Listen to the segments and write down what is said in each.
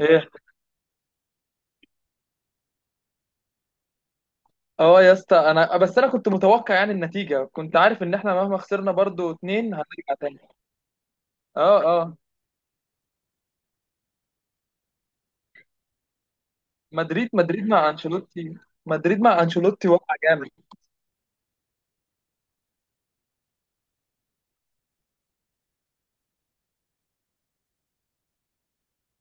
ايه. اه يا اسطى، انا بس انا كنت متوقع يعني النتيجه. كنت عارف ان احنا مهما خسرنا برضو اتنين هنرجع تاني. اه، اه، مدريد مدريد مع انشيلوتي مدريد مع انشيلوتي وقع جامد.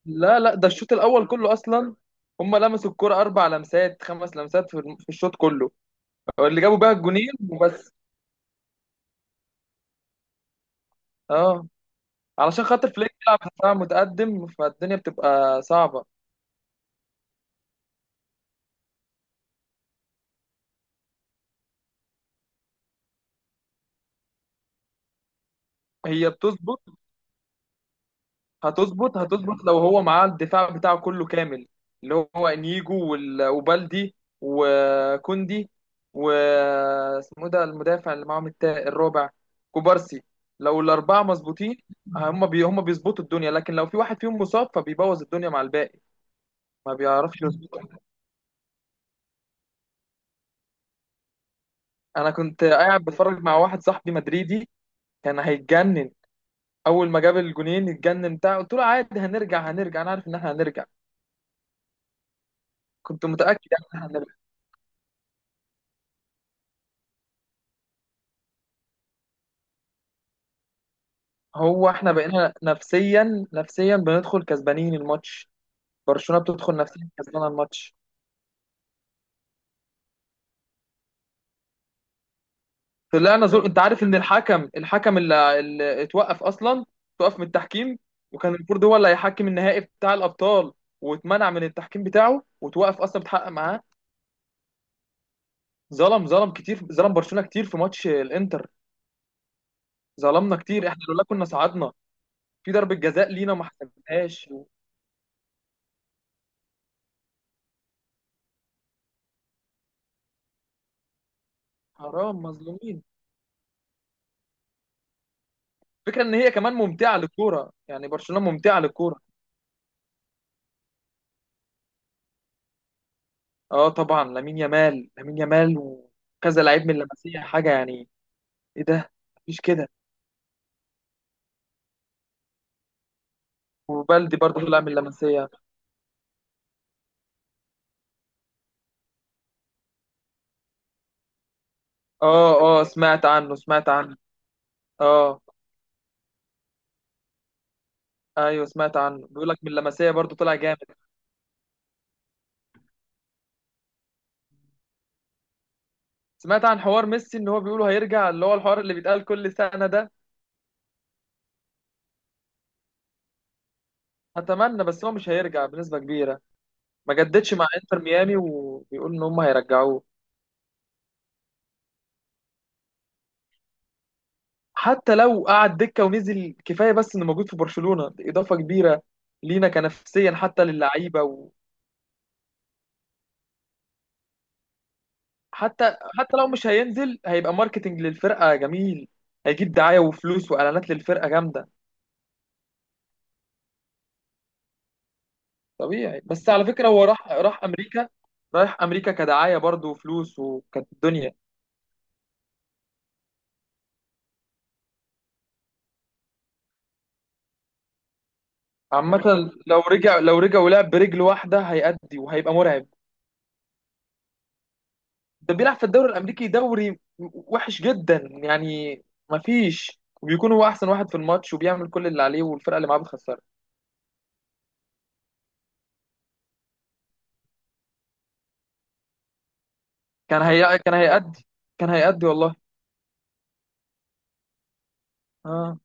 لا، لا، ده الشوط الاول كله اصلا. هم لمسوا الكرة اربع لمسات خمس لمسات في الشوط كله. اللي جابوا بقى الجونين وبس. اه، علشان خاطر فليك بيلعب دفاع متقدم، فالدنيا بتبقى صعبه. هي بتظبط. هتظبط، هتظبط لو هو معاه الدفاع بتاعه كله كامل. اللي هو انيجو وبالدي وكوندي و اسمه ده المدافع اللي معاهم الرابع، كوبارسي. لو الاربعه مظبوطين هم بيظبطوا الدنيا. لكن لو في واحد فيهم مصاب فبيبوظ الدنيا مع الباقي، ما بيعرفش يظبط. انا كنت قاعد بتفرج مع واحد صاحبي مدريدي، كان هيتجنن. اول ما جاب الجونين اتجنن بتاع. قلت له عادي، هنرجع هنرجع، انا عارف ان احنا هنرجع. كنت متاكد يعني ان احنا هنرجع. هو احنا بقينا نفسيا نفسيا بندخل كسبانين الماتش. برشلونة بتدخل نفسيا كسبانة الماتش. طلعنا زول. انت عارف ان الحكم اللي اتوقف اصلا، اتوقف من التحكيم. وكان المفروض هو اللي هيحكم النهائي بتاع الابطال، واتمنع من التحكيم بتاعه وتوقف اصلا بتحقق معاه. ظلم، ظلم كتير، ظلم برشلونة كتير في ماتش الانتر. ظلمنا كتير احنا، لولا كنا صعدنا. في ضربة جزاء لينا ما حسبناهاش. حرام، مظلومين. فكرة ان هي كمان ممتعة للكورة، يعني برشلونة ممتعة للكورة. اه طبعا، لامين يامال، لامين يامال وكذا لعيب من اللمسيه حاجه يعني. ايه ده. مفيش كده. وبلدي برضه طلع من اللمسيه. اه، اه، سمعت عنه سمعت عنه. اه ايوه سمعت عنه. بيقول لك من اللمسيه برضه طلع جامد. سمعت عن حوار ميسي ان هو بيقولوا هيرجع، اللي هو الحوار اللي بيتقال كل سنه ده. اتمنى، بس هو مش هيرجع بنسبه كبيره. ما جددش مع انتر ميامي، وبيقول ان هم هيرجعوه. حتى لو قعد دكه ونزل كفايه، بس انه موجود في برشلونه دي اضافه كبيره لينا كنفسيا حتى للعيبه. حتى حتى لو مش هينزل هيبقى ماركتنج للفرقه جميل. هيجيب دعايه وفلوس واعلانات للفرقه جامده. طبيعي. بس على فكره هو راح امريكا. رايح امريكا كدعايه برضه وفلوس وكانت الدنيا. عامه، لو رجع، لو رجع ولعب برجل واحده هيأدي وهيبقى مرعب. ده بيلعب في الدوري الامريكي، دوري وحش جدا يعني. مفيش. وبيكون هو احسن واحد في الماتش وبيعمل كل اللي عليه، والفرقه اللي معاه بتخسره. كان هيأدي. كان هيأدي والله. اه،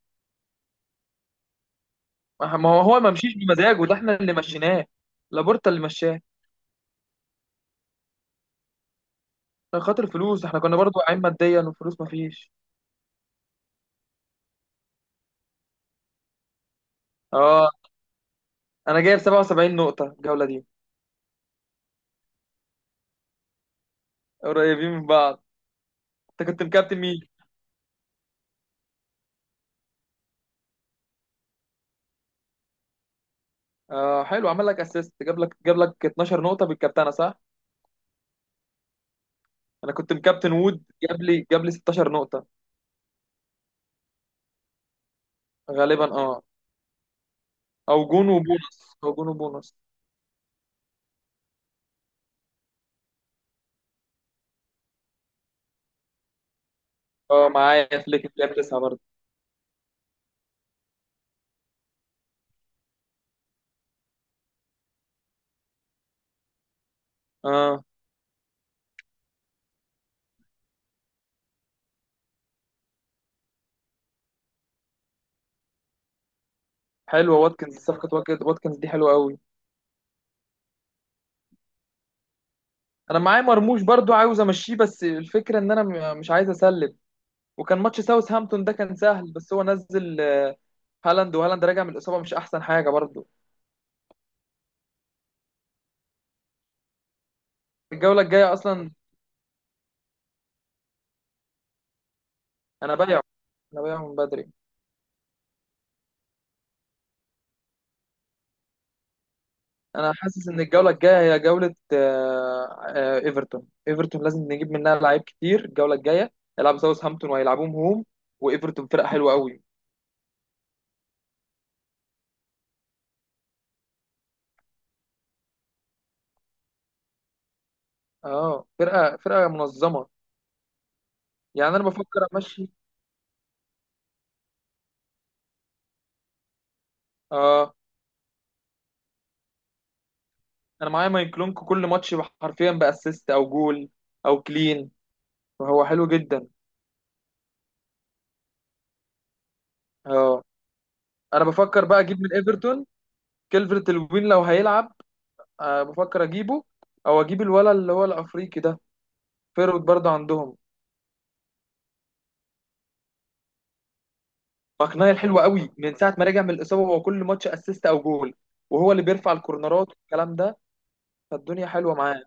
ما هو ما مشيش بمزاجه. ده احنا اللي مشيناه. لابورتا اللي مشاه. عشان خاطر الفلوس احنا كنا برضو واقعين ماديا، والفلوس ما فيش. اه، انا جايب 77 نقطة الجولة دي. قريبين من بعض. انت كنت مكابتن مين؟ اه حلو، عمل لك اسيست. جاب لك 12 نقطة بالكابتنة صح؟ انا كنت مكابتن وود. جاب لي 16 نقطة. غالبا اه. او جون وبونص او جون وبونص. اه معايا فليك جاب تسعة برضه. اه حلوة واتكنز، صفقة واتكنز دي حلوة قوي. انا معايا مرموش برضو عاوز امشيه، بس الفكره ان انا مش عايز اسلم. وكان ماتش ساوث هامبتون ده كان سهل، بس هو نزل هالاند. وهالاند راجع من الاصابه مش احسن حاجه برضو. الجوله الجايه اصلا انا بايعه. انا بايعه من بدري. انا حاسس ان الجوله الجايه هي جوله ايفرتون. ايفرتون لازم نجيب منها لعيب كتير الجوله الجايه. هيلعبوا ساوث هامبتون وهيلعبوهم هوم. وايفرتون فرقه حلوه قوي. اه فرقه منظمه يعني. انا بفكر امشي. اه انا معايا مايكلونكو كل ماتش، حرفيا باسيست او جول او كلين، فهو حلو جدا. اه انا بفكر بقى اجيب من ايفرتون كيلفرت الوين لو هيلعب. أه بفكر اجيبه. او اجيب الولا اللي هو الافريقي ده. فيرود برضه عندهم. مقنعي الحلو قوي، من ساعه ما رجع من الاصابه هو كل ماتش اسيست او جول. وهو اللي بيرفع الكورنرات والكلام ده. فالدنيا حلوه معاه.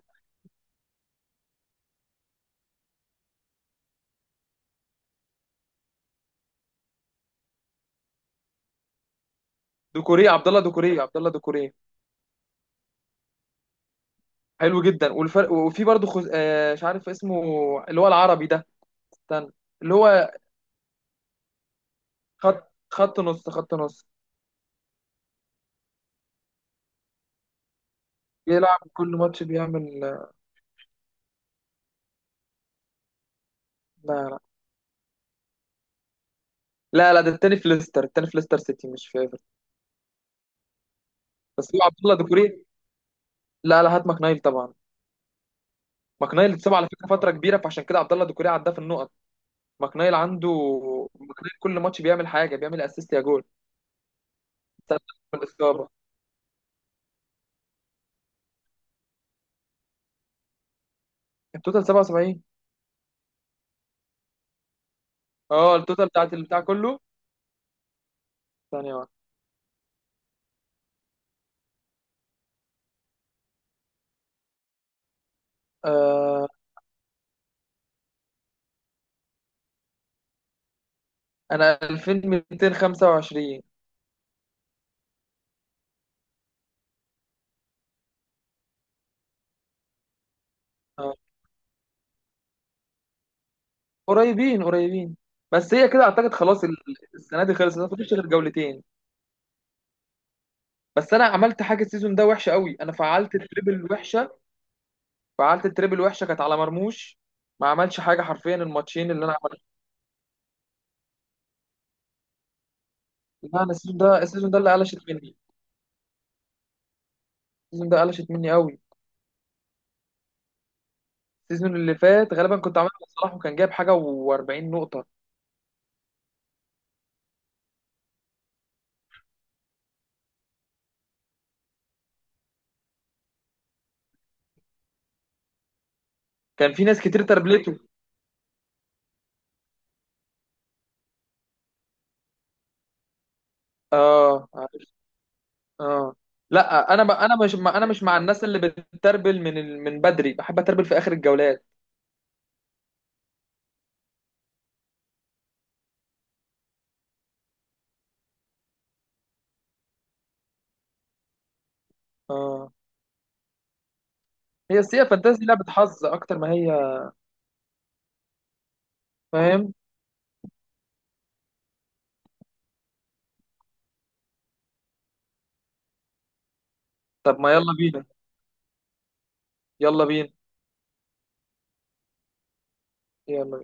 دوكوري، عبد الله دوكوري، عبد الله دوكوري. حلو جدا والفرق. وفي برضه خز... آه مش عارف اسمه، اللي هو العربي ده. استنى. اللي هو خط خط نص خط نص. بيلعب كل ماتش بيعمل. لا، لا، لا، لا، ده التاني في ليستر سيتي مش في ايفرتون. بس هو عبد الله ديكوري. لا، لا، هات ماكنايل طبعا. ماكنايل اتصاب على فكره فتره كبيره، فعشان كده عبد الله ديكوري عداه في النقط. ماكنايل عنده. ماكنايل كل ماتش بيعمل حاجه، بيعمل اسيست يا جول. ساعة من الاصابه. التوتال 77. اه التوتال بتاعت البتاع كله. ثانيه واحده. آه انا 2225. آه. قريبين قريبين. بس هي كده اعتقد خلاص السنه دي خلصت، ما فيش غير جولتين. بس انا عملت حاجه السيزون ده وحشه قوي، انا فعلت التريبل وحشه. فعلت التريبل وحشه كانت على مرموش. ما عملش حاجه حرفيا الماتشين اللي انا عملته. لا انا السيزون ده اللي قلشت مني. السيزون ده قلشت مني قوي. السيزون اللي فات غالبا كنت عملت صلاح، وكان جايب حاجه و40 نقطه. كان في ناس كتير تربلته. اه عارف. اه لا انا مش مع الناس اللي بتتربل من بدري. بحب اتربل في اخر الجولات. اه هي السيئه، فانتازي لعبه حظ اكتر ما هي. فاهم؟ طب ما يلا بينا. يلا بينا. يلا بينا.